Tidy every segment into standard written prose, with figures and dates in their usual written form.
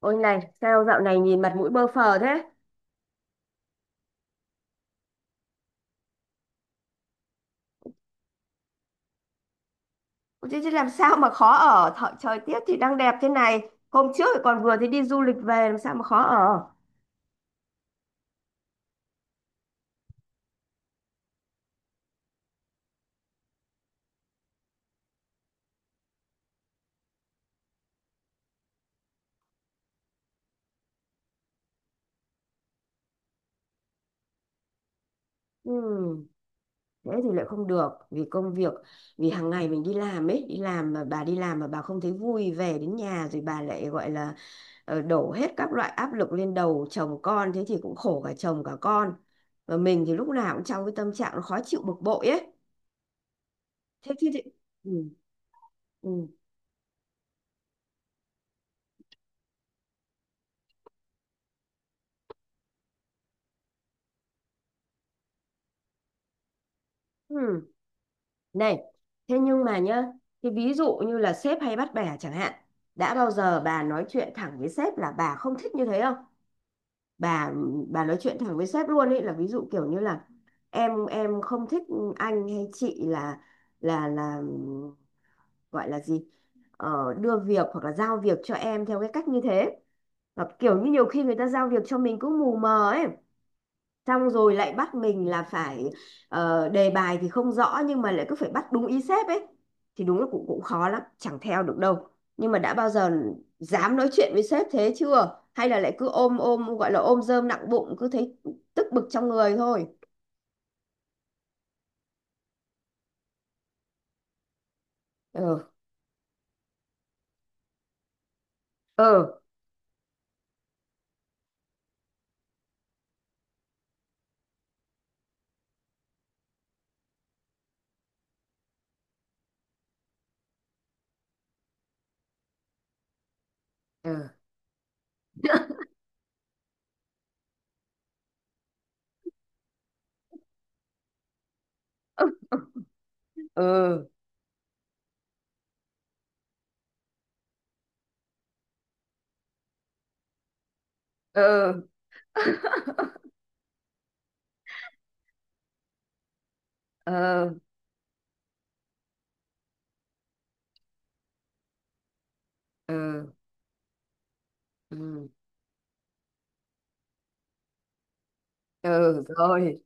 Ôi này, sao dạo này nhìn mặt mũi bơ phờ thế? Ôi Chứ làm sao mà khó ở Thợ, Trời tiết thì đang đẹp thế này. Hôm trước thì còn vừa thì đi du lịch về. Làm sao mà khó ở. Ừm, thế thì lại không được vì công việc, vì hàng ngày mình đi làm ấy, đi làm mà bà đi làm mà bà không thấy vui, về đến nhà rồi bà lại gọi là đổ hết các loại áp lực lên đầu chồng con, thế thì cũng khổ cả chồng cả con, và mình thì lúc nào cũng trong cái tâm trạng nó khó chịu bực bội ấy. Thế thì, Ừ. Ừ. Ừ. Này, thế nhưng mà nhá, thì ví dụ như là sếp hay bắt bẻ chẳng hạn, đã bao giờ bà nói chuyện thẳng với sếp là bà không thích như thế không? Bà bà nói chuyện thẳng với sếp luôn ấy, là ví dụ kiểu như là em không thích anh hay chị là là gọi là gì? Ờ, đưa việc hoặc là giao việc cho em theo cái cách như thế. Hoặc kiểu như nhiều khi người ta giao việc cho mình cũng mù mờ ấy, xong rồi lại bắt mình là phải đề bài thì không rõ nhưng mà lại cứ phải bắt đúng ý sếp ấy, thì đúng là cũng cũng khó lắm, chẳng theo được đâu. Nhưng mà đã bao giờ dám nói chuyện với sếp thế chưa, hay là lại cứ ôm ôm gọi là ôm rơm nặng bụng, cứ thấy tức bực trong người thôi? Ừ. Ừ. Ừ. Ừ. Ừ. Ừ. Ừ. Ừ. Ừ rồi.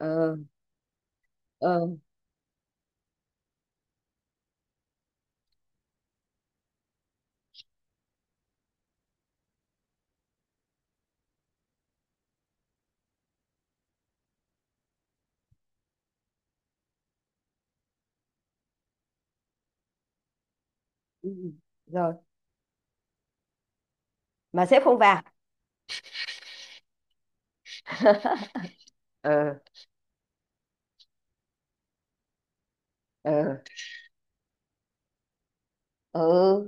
Ừ. Ừ. Ừ, rồi. Mà sếp không vào. Ừ. Ừ. Ừ.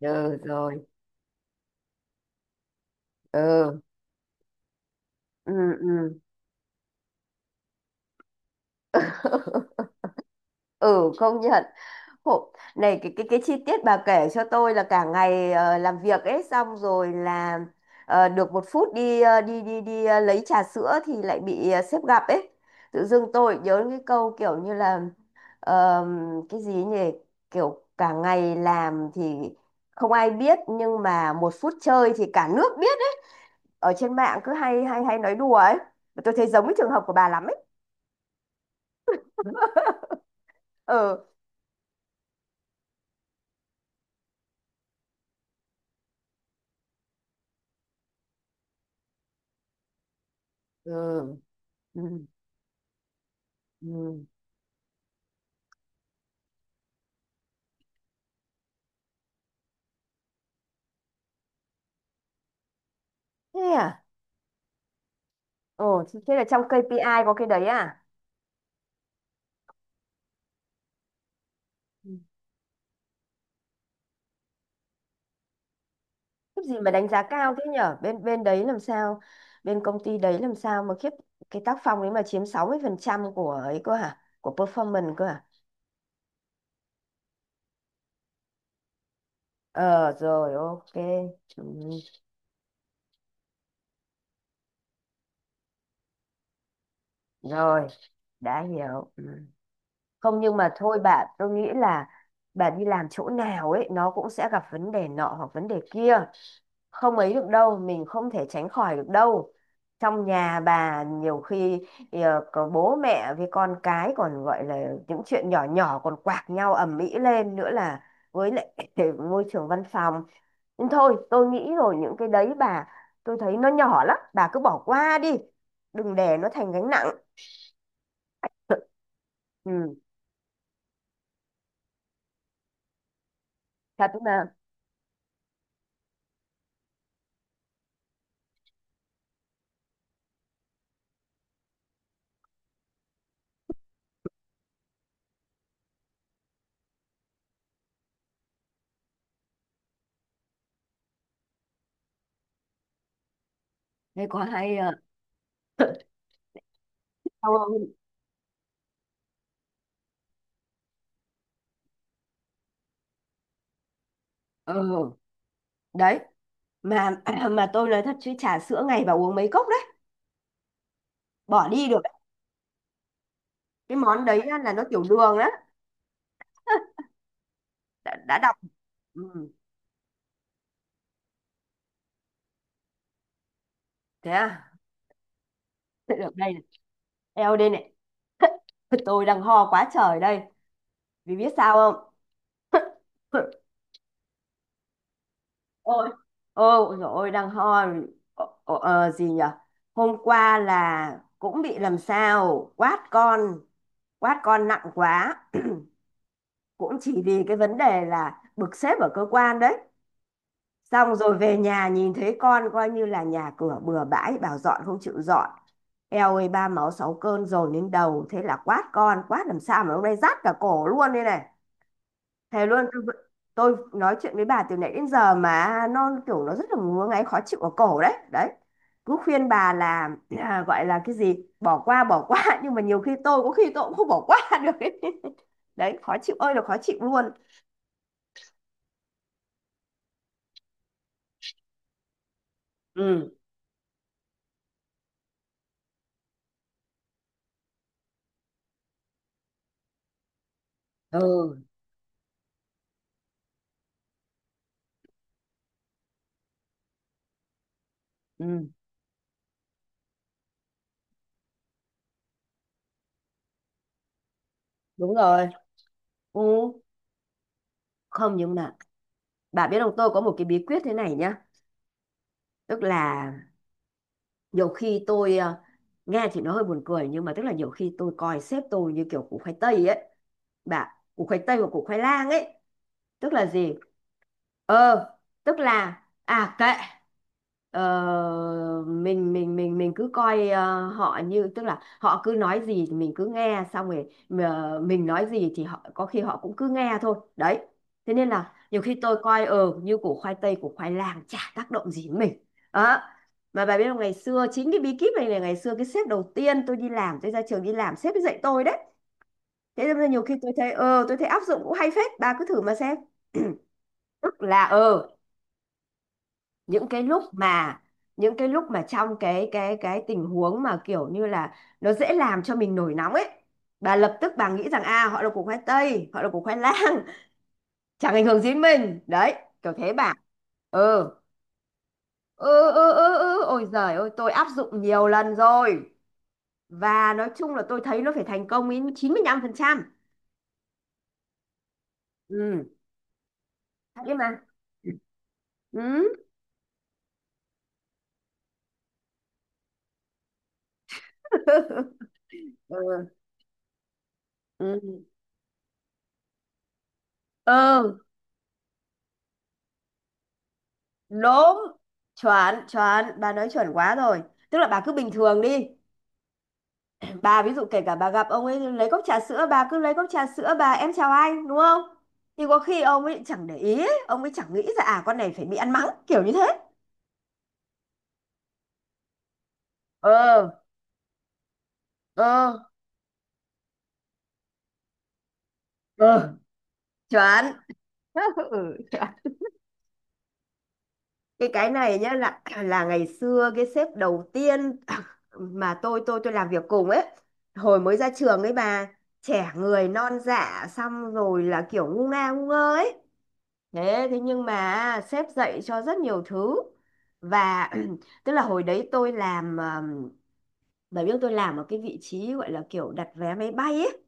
Ừ, rồi. Ừ. Ừ. Ừ. Ừ, công nhận. Hộ, này cái cái chi tiết bà kể cho tôi là cả ngày làm việc ấy, xong rồi là được một phút đi ờ, đi đi đi ờ, lấy trà sữa thì lại bị sếp gặp ấy, tự dưng tôi nhớ cái câu kiểu như là ờm, cái gì nhỉ, kiểu cả ngày làm thì không ai biết nhưng mà một phút chơi thì cả nước biết ấy, ở trên mạng cứ hay hay hay nói đùa ấy. Tôi thấy giống cái trường hợp của bà lắm ấy. Ừ. Ừ. Ừ. Ừ. Thế à? Ồ, thế thế là trong KPI có cái đấy à? Ừ. Khiếp gì mà đánh giá cao thế nhở? Bên bên đấy làm sao? Bên công ty đấy làm sao mà khiếp, cái tác phong đấy mà chiếm 60% của ấy cơ hả? Của performance cơ hả? Ờ rồi, ok. Ừ. Rồi, đã hiểu. Ừ. Không nhưng mà thôi bạn, tôi nghĩ là bạn đi làm chỗ nào ấy nó cũng sẽ gặp vấn đề nọ hoặc vấn đề kia, không ấy được đâu, mình không thể tránh khỏi được đâu. Trong nhà bà nhiều khi có bố mẹ với con cái còn gọi là những chuyện nhỏ nhỏ còn quạc nhau ầm ĩ lên, nữa là với lại môi trường văn phòng. Nhưng thôi tôi nghĩ rồi, những cái đấy bà, tôi thấy nó nhỏ lắm, bà cứ bỏ qua đi, đừng để nó thành gánh nặng. Ừ. Thật mà. Thế có hay à. Đau không? Ừ, đấy. Mà mà tôi nói thật chứ trà sữa ngày bà uống mấy cốc đấy. Bỏ đi được đấy. Cái món đấy á, là nó tiểu đường á. Đã đọc. Ừ, thế à. Thế được đây này. Eo đây này. Tôi đang ho quá trời đây. Vì biết sao không? Ôi. Ôi dồi ôi, đang ho. Gì nhở. Hôm qua là cũng bị làm sao. Quát con. Quát con nặng quá. Cũng chỉ vì cái vấn đề là bực sếp ở cơ quan đấy, xong rồi về nhà nhìn thấy con, coi như là nhà cửa bừa bãi, bảo dọn không chịu dọn. Eo ơi, ba máu sáu cơn dồn đến đầu, thế là quát con, quát làm sao mà hôm nay rát cả cổ luôn đây này. Thề luôn, tôi vẫn- Tôi nói chuyện với bà từ nãy đến giờ mà nó kiểu nó rất là ngứa ngáy khó chịu ở cổ đấy. Đấy. Cứ khuyên bà là à, gọi là cái gì, bỏ qua nhưng mà nhiều khi tôi có khi tôi cũng không bỏ qua được ấy. Đấy, khó chịu ơi là khó chịu luôn. Ừ. Ừ. Ừ. Đúng rồi. Ừ, không nhưng mà bà biết không, tôi có một cái bí quyết thế này nhá. Tức là nhiều khi tôi nghe thì nó hơi buồn cười nhưng mà tức là nhiều khi tôi coi sếp tôi như kiểu củ khoai tây ấy. Bà, củ khoai tây và củ khoai lang ấy, tức là gì, ờ tức là à kệ, mình cứ coi họ như, tức là họ cứ nói gì thì mình cứ nghe, xong rồi mình nói gì thì họ có khi họ cũng cứ nghe thôi đấy. Thế nên là nhiều khi tôi coi như củ khoai tây củ khoai lang, chả tác động gì đến mình đó. Mà bà biết không, ngày xưa chính cái bí kíp này là ngày xưa cái sếp đầu tiên tôi đi làm, tôi ra trường đi làm, sếp ấy dạy tôi đấy. Thế nên là nhiều khi tôi thấy tôi thấy áp dụng cũng hay phết, bà cứ thử mà xem. Tức là những cái lúc mà trong cái tình huống mà kiểu như là nó dễ làm cho mình nổi nóng ấy, bà lập tức bà nghĩ rằng à họ là củ khoai tây, họ là củ khoai lang, chẳng ảnh hưởng gì đến mình đấy, kiểu thế bà. Ừ ừ ừ ừ ừ ôi giời ơi, tôi áp dụng nhiều lần rồi, và nói chung là tôi thấy nó phải thành công đến 95%. Ừ, thế mà. Ừ. Ừ. Ừ. Ừ. Đúng. Chuẩn, chuẩn, bà nói chuẩn quá rồi. Tức là bà cứ bình thường đi, bà ví dụ kể cả bà gặp ông ấy lấy cốc trà sữa, bà cứ lấy cốc trà sữa, bà em chào anh, đúng không? Thì có khi ông ấy chẳng để ý ấy. Ông ấy chẳng nghĩ ra à con này phải bị ăn mắng kiểu như thế. ờ ờ ờ chuẩn. Ừ, cái này nhá, là ngày xưa cái sếp đầu tiên mà tôi làm việc cùng ấy, hồi mới ra trường ấy bà, trẻ người non dạ, xong rồi là kiểu ngu ngơ ấy. Thế thế nhưng mà sếp dạy cho rất nhiều thứ, và tức là hồi đấy tôi làm bà biết tôi làm ở cái vị trí gọi là kiểu đặt vé máy bay ấy.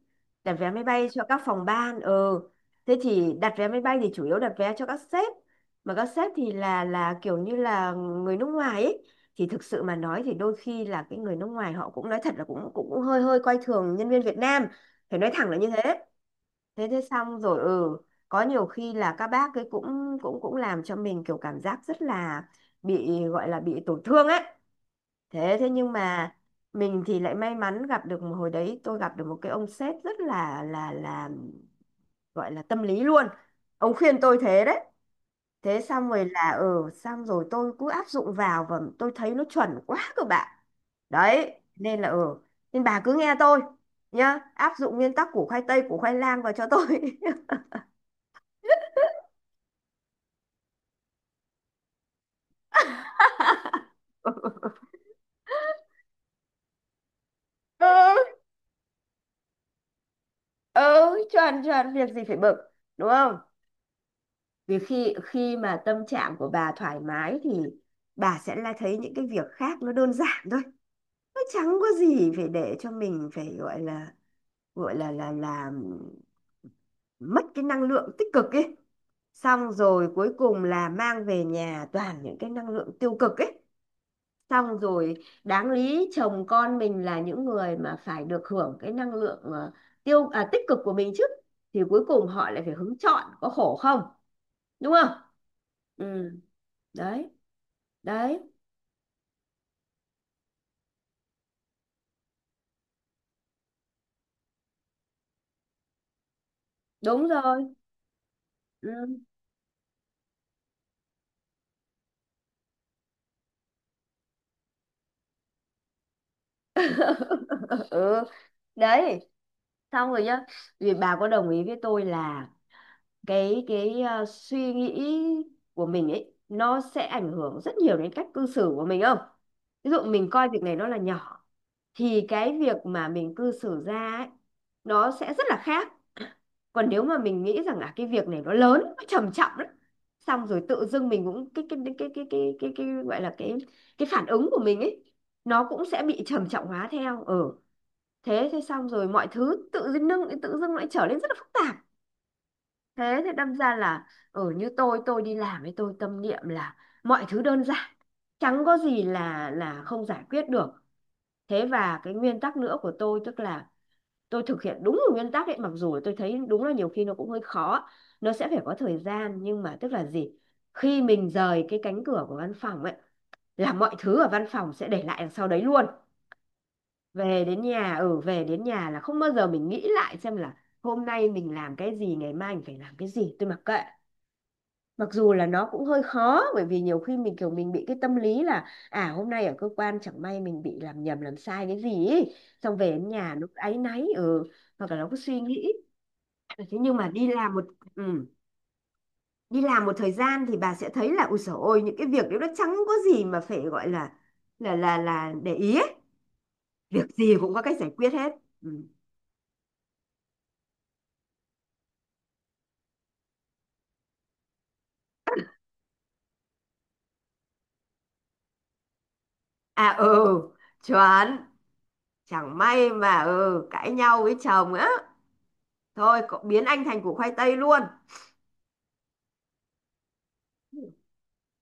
Đặt vé máy bay cho các phòng ban. Ừ. Thế thì đặt vé máy bay thì chủ yếu đặt vé cho các sếp. Mà các sếp thì là kiểu như là người nước ngoài ấy. Thì thực sự mà nói thì đôi khi là cái người nước ngoài họ cũng nói thật là cũng cũng, cũng hơi hơi coi thường nhân viên Việt Nam. Phải nói thẳng là như thế. Thế thế xong rồi ừ. Có nhiều khi là các bác ấy cũng cũng cũng làm cho mình kiểu cảm giác rất là bị gọi là bị tổn thương ấy. Thế thế nhưng mà mình thì lại may mắn gặp được, một hồi đấy tôi gặp được một cái ông sếp rất là là gọi là tâm lý luôn. Ông khuyên tôi thế đấy. Thế xong rồi là ừ, xong rồi tôi cứ áp dụng vào và tôi thấy nó chuẩn quá cơ bạn. Đấy, nên là ừ, nên bà cứ nghe tôi nhá, áp dụng nguyên tắc củ khoai tây củ khoai lang vào cho tôi. Ừ, ừ chuẩn, chuẩn, việc gì phải bực, đúng không? Vì khi khi mà tâm trạng của bà thoải mái thì bà sẽ là thấy những cái việc khác nó đơn giản thôi, nó chẳng có gì phải để cho mình phải gọi là là mất cái năng lượng tích cực ấy, xong rồi cuối cùng là mang về nhà toàn những cái năng lượng tiêu cực ấy, xong rồi đáng lý chồng con mình là những người mà phải được hưởng cái năng lượng ờ, tiêu à, tích cực của mình chứ, thì cuối cùng họ lại phải hứng chọn, có khổ không, đúng không? Ừ. Đấy. Đấy. Đúng rồi. Ừ. ừ, đấy, xong rồi nhá. Vì bà có đồng ý với tôi là suy nghĩ của mình ấy nó sẽ ảnh hưởng rất nhiều đến cách cư xử của mình không? Ví dụ mình coi việc này nó là nhỏ thì cái việc mà mình cư xử ra ấy, nó sẽ rất là khác. Còn nếu mà mình nghĩ rằng à cái việc này nó lớn, nó trầm trọng lắm, xong rồi tự dưng mình cũng cái gọi là cái phản ứng của mình ấy nó cũng sẽ bị trầm trọng hóa theo, ừ. Thế thế xong rồi mọi thứ tự dưng tự dưng lại trở nên rất là phức tạp. Thế thế đâm ra là ừ, như tôi đi làm ấy, tôi tâm niệm là mọi thứ đơn giản, chẳng có gì là không giải quyết được. Thế và cái nguyên tắc nữa của tôi tức là tôi thực hiện đúng cái nguyên tắc ấy, mặc dù tôi thấy đúng là nhiều khi nó cũng hơi khó, nó sẽ phải có thời gian. Nhưng mà tức là gì, khi mình rời cái cánh cửa của văn phòng ấy là mọi thứ ở văn phòng sẽ để lại đằng sau đấy luôn. Về đến nhà, ừ, về đến nhà là không bao giờ mình nghĩ lại xem là hôm nay mình làm cái gì, ngày mai mình phải làm cái gì, tôi mặc kệ. Mặc dù là nó cũng hơi khó bởi vì nhiều khi mình kiểu mình bị cái tâm lý là à, hôm nay ở cơ quan chẳng may mình bị làm nhầm làm sai cái gì ý, xong về đến nhà nó cứ áy náy, ừ, hoặc là nó cứ suy nghĩ. Ừ, thế nhưng mà đi làm một, ừ, đi làm một thời gian thì bà sẽ thấy là ui dồi ôi, những cái việc đấy nó chẳng có gì mà phải gọi là là để ý ấy. Việc gì cũng có cách giải quyết hết. Ừ. À ừ, chuẩn, chẳng may mà ừ cãi nhau với chồng á, thôi cậu biến anh thành củ khoai tây luôn.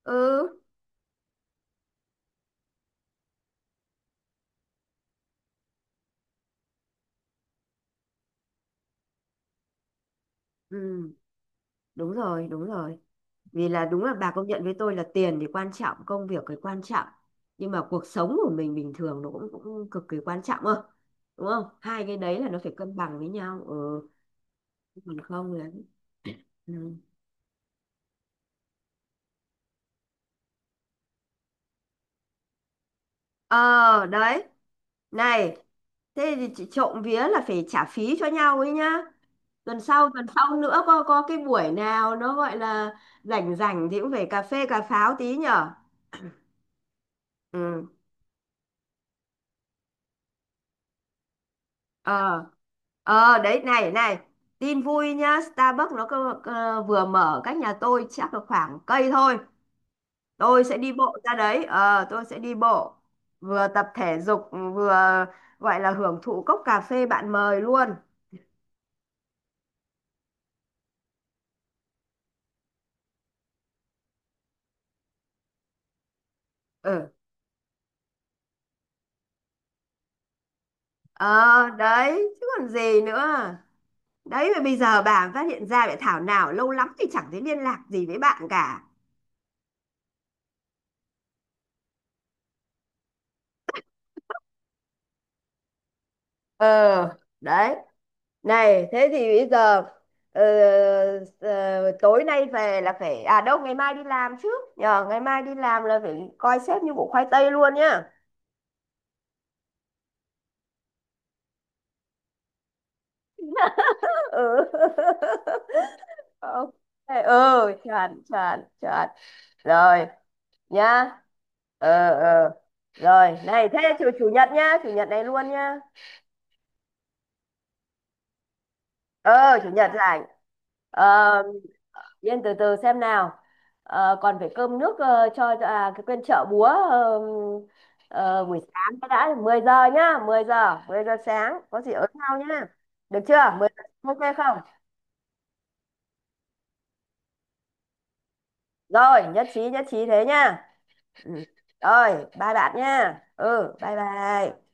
Ừ, ừ, đúng rồi, đúng rồi. Vì là đúng là bà công nhận với tôi là tiền thì quan trọng, công việc thì quan trọng, nhưng mà cuộc sống của mình bình thường nó cũng cũng cực kỳ quan trọng, ơ, đúng không? Hai cái đấy là nó phải cân bằng với nhau, ừ. Còn không là ừ. Ờ đấy, này, thế thì chị trộm vía là phải trả phí cho nhau ấy nhá, tuần sau, tuần sau nữa, có cái buổi nào nó gọi là rảnh rảnh thì cũng phải cà phê cà pháo tí nhở. Ừ, ờ, ờ đấy, này này, tin vui nhá, Starbucks nó cơ, cơ, vừa mở cách nhà tôi chắc là khoảng cây thôi, tôi sẽ đi bộ ra đấy, ờ tôi sẽ đi bộ vừa tập thể dục vừa gọi là hưởng thụ cốc cà phê bạn mời luôn. Ừ, ờ đấy chứ còn gì nữa. Đấy mà bây giờ bà phát hiện ra, lại thảo nào lâu lắm thì chẳng thấy liên lạc gì với bạn cả. Ờ đấy, này, thế thì bây giờ ờ, tối nay về là phải, à đâu, ngày mai đi làm trước nhờ, ngày mai đi làm là phải coi sếp như củ khoai tây luôn nhá. Ừ. Ok, ừ, chuẩn chuẩn chuẩn, rồi nhá. ờ ờ Rồi, này, thế chủ chủ nhật nhá, chủ nhật này luôn nhá. Ờ, chủ nhật rảnh, ờ. Yên, từ từ xem nào. Ờ, còn phải cơm nước ờ, à, cái quên, chợ búa, buổi sáng cái đã, 10 giờ nhá, 10 giờ, 10 giờ sáng có gì ở nhau nhá. Được chưa? 10 giờ ok không? Rồi, nhất trí thế nhá. Ừ. Rồi, bye bạn nha. Ừ, bye bye.